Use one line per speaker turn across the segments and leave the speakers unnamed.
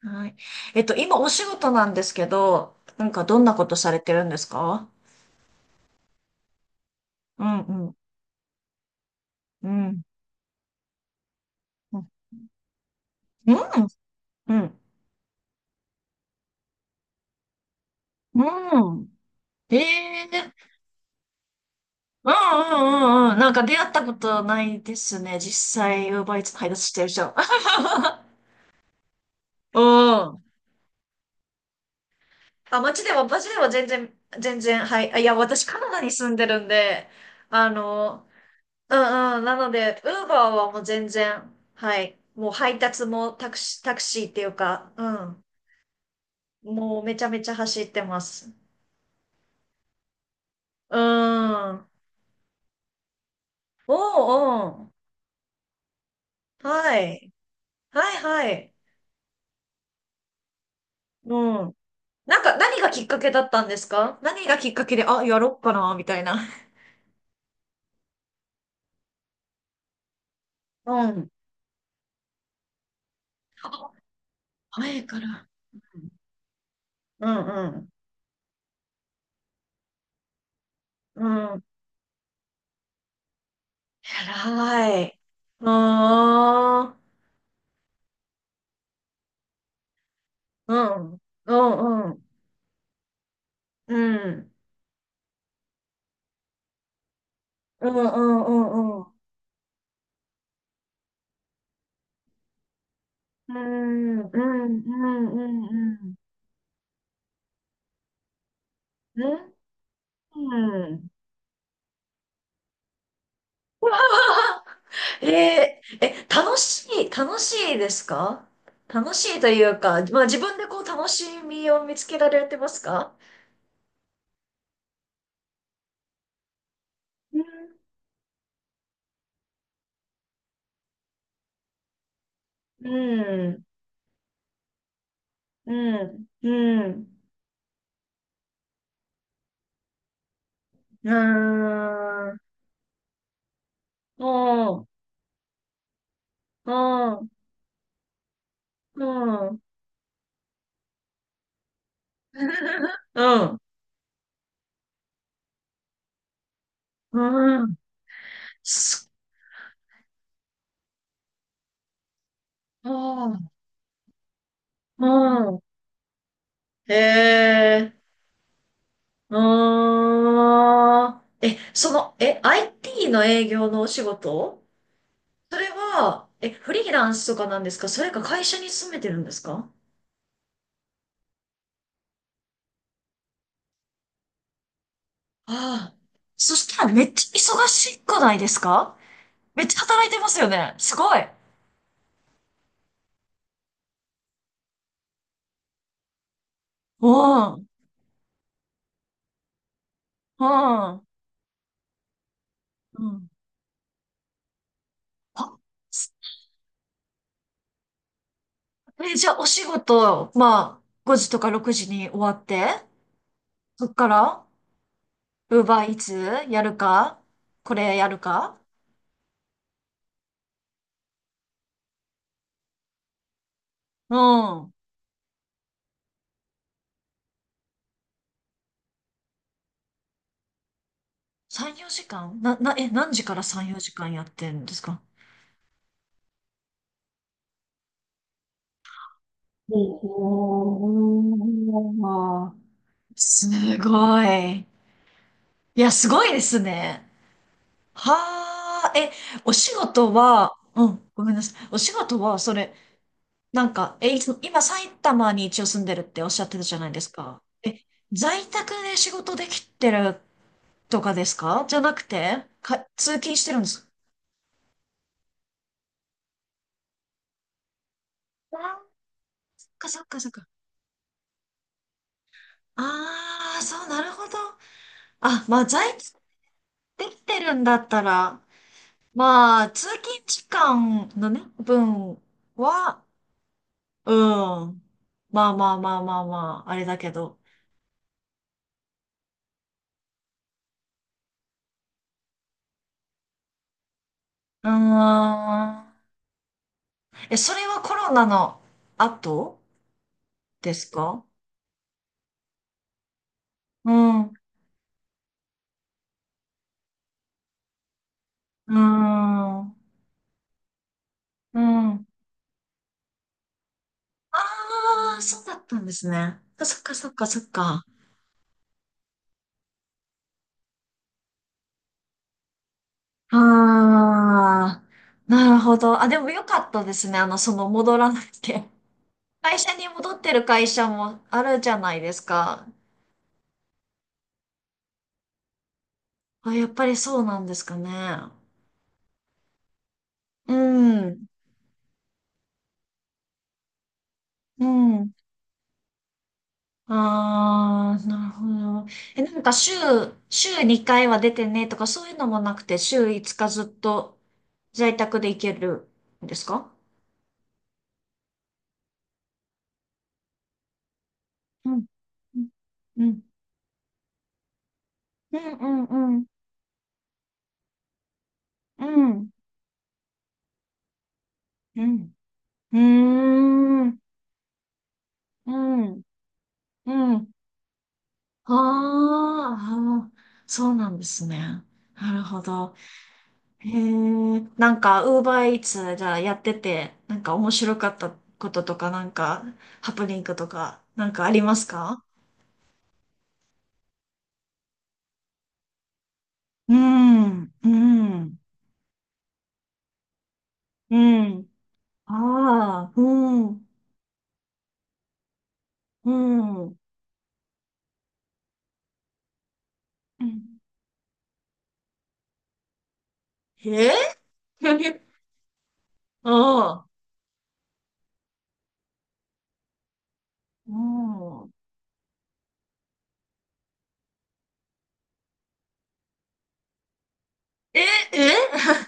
はい。今お仕事なんですけど、なんかどんなことされてるんですか？うんうん。うん。うん。うん。うん。ええー。うんうんうんうん。なんか出会ったことないですね。実際、ウーバーイーツ配達してる人。うん。あ、街では全然、はい。いや、私カナダに住んでるんで、あの、うんうん。なので、ウーバーはもう全然、はい。もう配達もタクシーっていうか、うん。もうめちゃめちゃ走ってます。うーん。おうおう。はい。はいはい。うん。なんか何がきっかけだったんですか？何がきっかけで、あ、やろっかな、みたいな？うん。あ前から。うんうん。うん。偉い。うーん。うん。うんうん。うん。うんうんうんうん。うんうんうんうんうん。うん。うん。楽しいですか？楽しいというか、まあ自分でこう楽しみを見つけられてますか？うん、うん、うん、うん、うーん、うん、うん、うん、うん、うんすうん、うん、へえ、うーん、え、その、え、IT の営業のお仕事？それは、フリーランスとかなんですか？それか会社に勤めてるんですか？ああ。そしたらめっちゃ忙しくないですか？めっちゃ働いてますよね。すごい。うん。うん。うん。あ、じゃあお仕事、まあ、5時とか6時に終わって、そっから、ウーバーイーツやるか、これやるか？うん。3、4時間な、な、え、何時から3、4時間やってんですか？おー、すごい。いや、すごいですね。はあ、お仕事は、うん、ごめんなさい。お仕事は、それ、なんか、え、いつ今、埼玉に一応住んでるっておっしゃってたじゃないですか。在宅で仕事できてるとかですか？じゃなくて、か、通勤してるんです。あー、そっかそっかそっか。ああ、そう、なるほど。あ、まあ、在宅できてるんだったら、まあ、通勤時間のね、分は、うん。まあまあまあまあまあ、あれだけど。うーん。それはコロナの後ですか？うん。うーん。うん。ああ、そうだったんですね。そっかそっかそっか。ああ、なるほど。あ、でもよかったですね。その戻らなくて。会社に戻ってる会社もあるじゃないですか。あ、やっぱりそうなんですかね。うん。うん。ああ、なるほど。なんか週2回は出てねとかそういうのもなくて、週5日ずっと在宅で行けるんですか？うんうんうん。うんうんうん。うん。うん。うーん。うん。うん。あー、あー、そうなんですね。なるほど。へえ、なんか、ウーバーイーツじゃあやってて、なんか面白かったこととか、なんか、ハプニングとか、なんかありますか？うん、うん、うん。ああ、うん、うん。うん、え ああ、うん。え、え、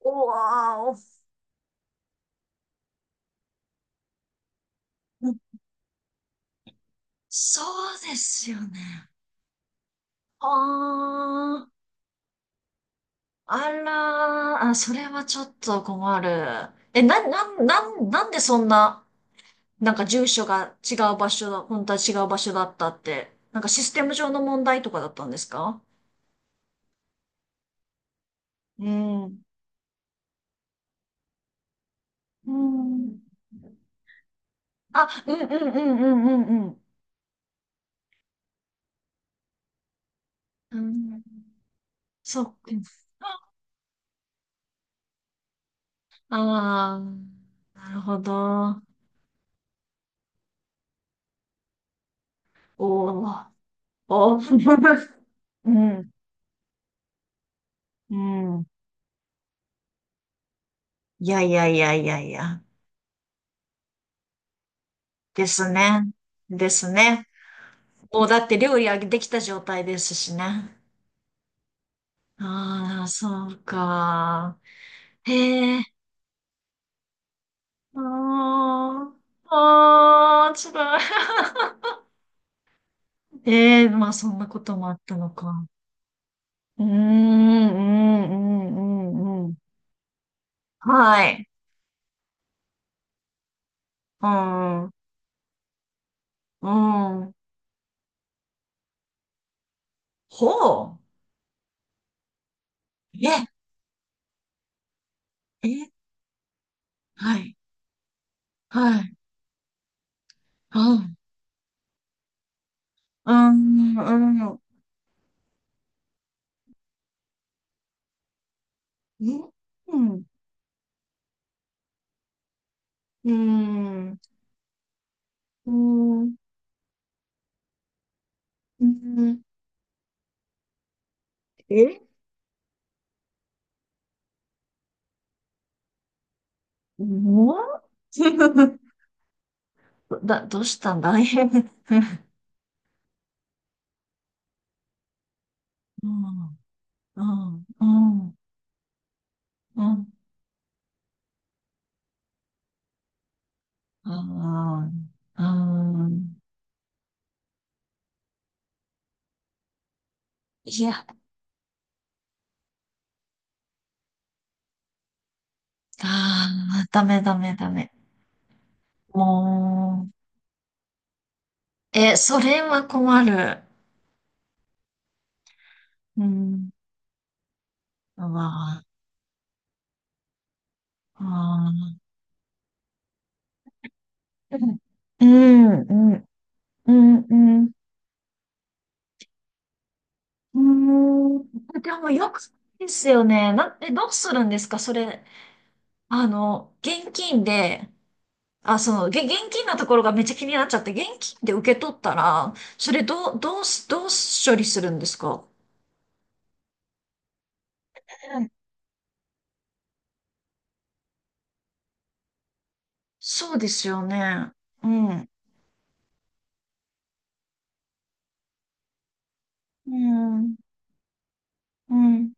お わーお、そうですよね。ああ。あらー、あ、それはちょっと困る。え、な、な、な、なんでそんな、なんか住所が違う場所だ、本当は違う場所だったって、なんかシステム上の問題とかだったんですか？うん。うん。あ、うんうんうんうんうんうん。うん、そっか。ああ、なるほど。おー、おー。うん。うん。いやいやいやいやいや。ですね。ですね。もうだって料理はできた状態ですしね。ああ、そうか。へえ、ああ、ああ、辛い。ええ、まあそんなこともあったのか。うーん、うん、うん、うん。うん、はい。うん、うん。ほう。え、え、はい、はい。うん、うん、うん、うん、うん、うん、うん、うん、えもう どうしたんだい？ うん、うん、うん、うん、うん、うん。いや、ああ、ダメダメダメ。もう、それは困る。うん、うわあ、うん、うん、うん、うん、うん。うん。でもよくですよね。どうするんですか、それ、現金で、あ、そう、現金のところがめっちゃ気になっちゃって、現金で受け取ったら、それどう処理するんですか？うん、そうですよね。うん。うん。うん。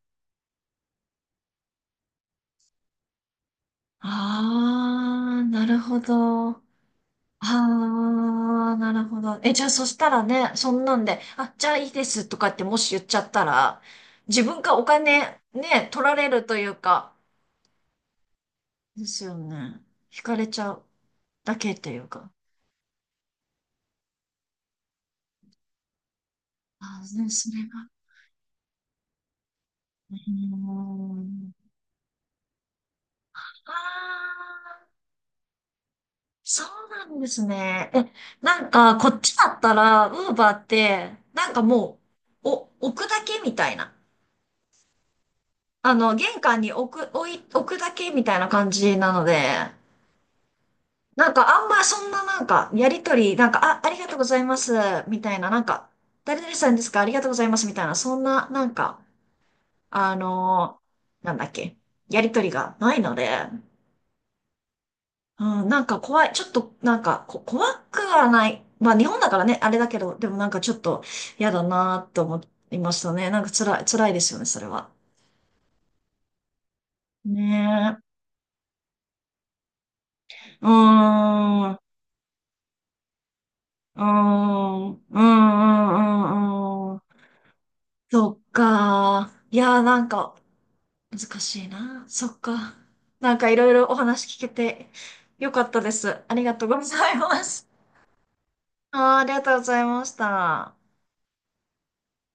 ああ、なるほど。ああ、なるほど。じゃあそしたらね、そんなんで、あ、じゃあいいですとかってもし言っちゃったら、自分がお金ね、取られるというか、ですよね。引かれちゃうだけというか。ああ、ね、それが。うーん。ああ、そうなんですね。なんか、こっちだったら、ウーバーって、なんかもう、置くだけみたいな。玄関に置くだけみたいな感じなので、なんか、あんまそんななんか、やりとり、なんか、あ、ありがとうございます、みたいな、なんか、誰々さんですか？ありがとうございます、みたいな、そんな、なんか、なんだっけ、やりとりがないので、うん、なんか怖い。ちょっと、なんか、怖くはない。まあ、日本だからね、あれだけど、でもなんかちょっと嫌だなと思いましたね。なんか辛いですよね、それは。ねえ。うーん、うーん、うーん、うーん、うーん。そっか。いやー、なんか、難しいな。そっか。なんかいろいろお話聞けてよかったです。ありがとうございます。あー、ありがとうございました。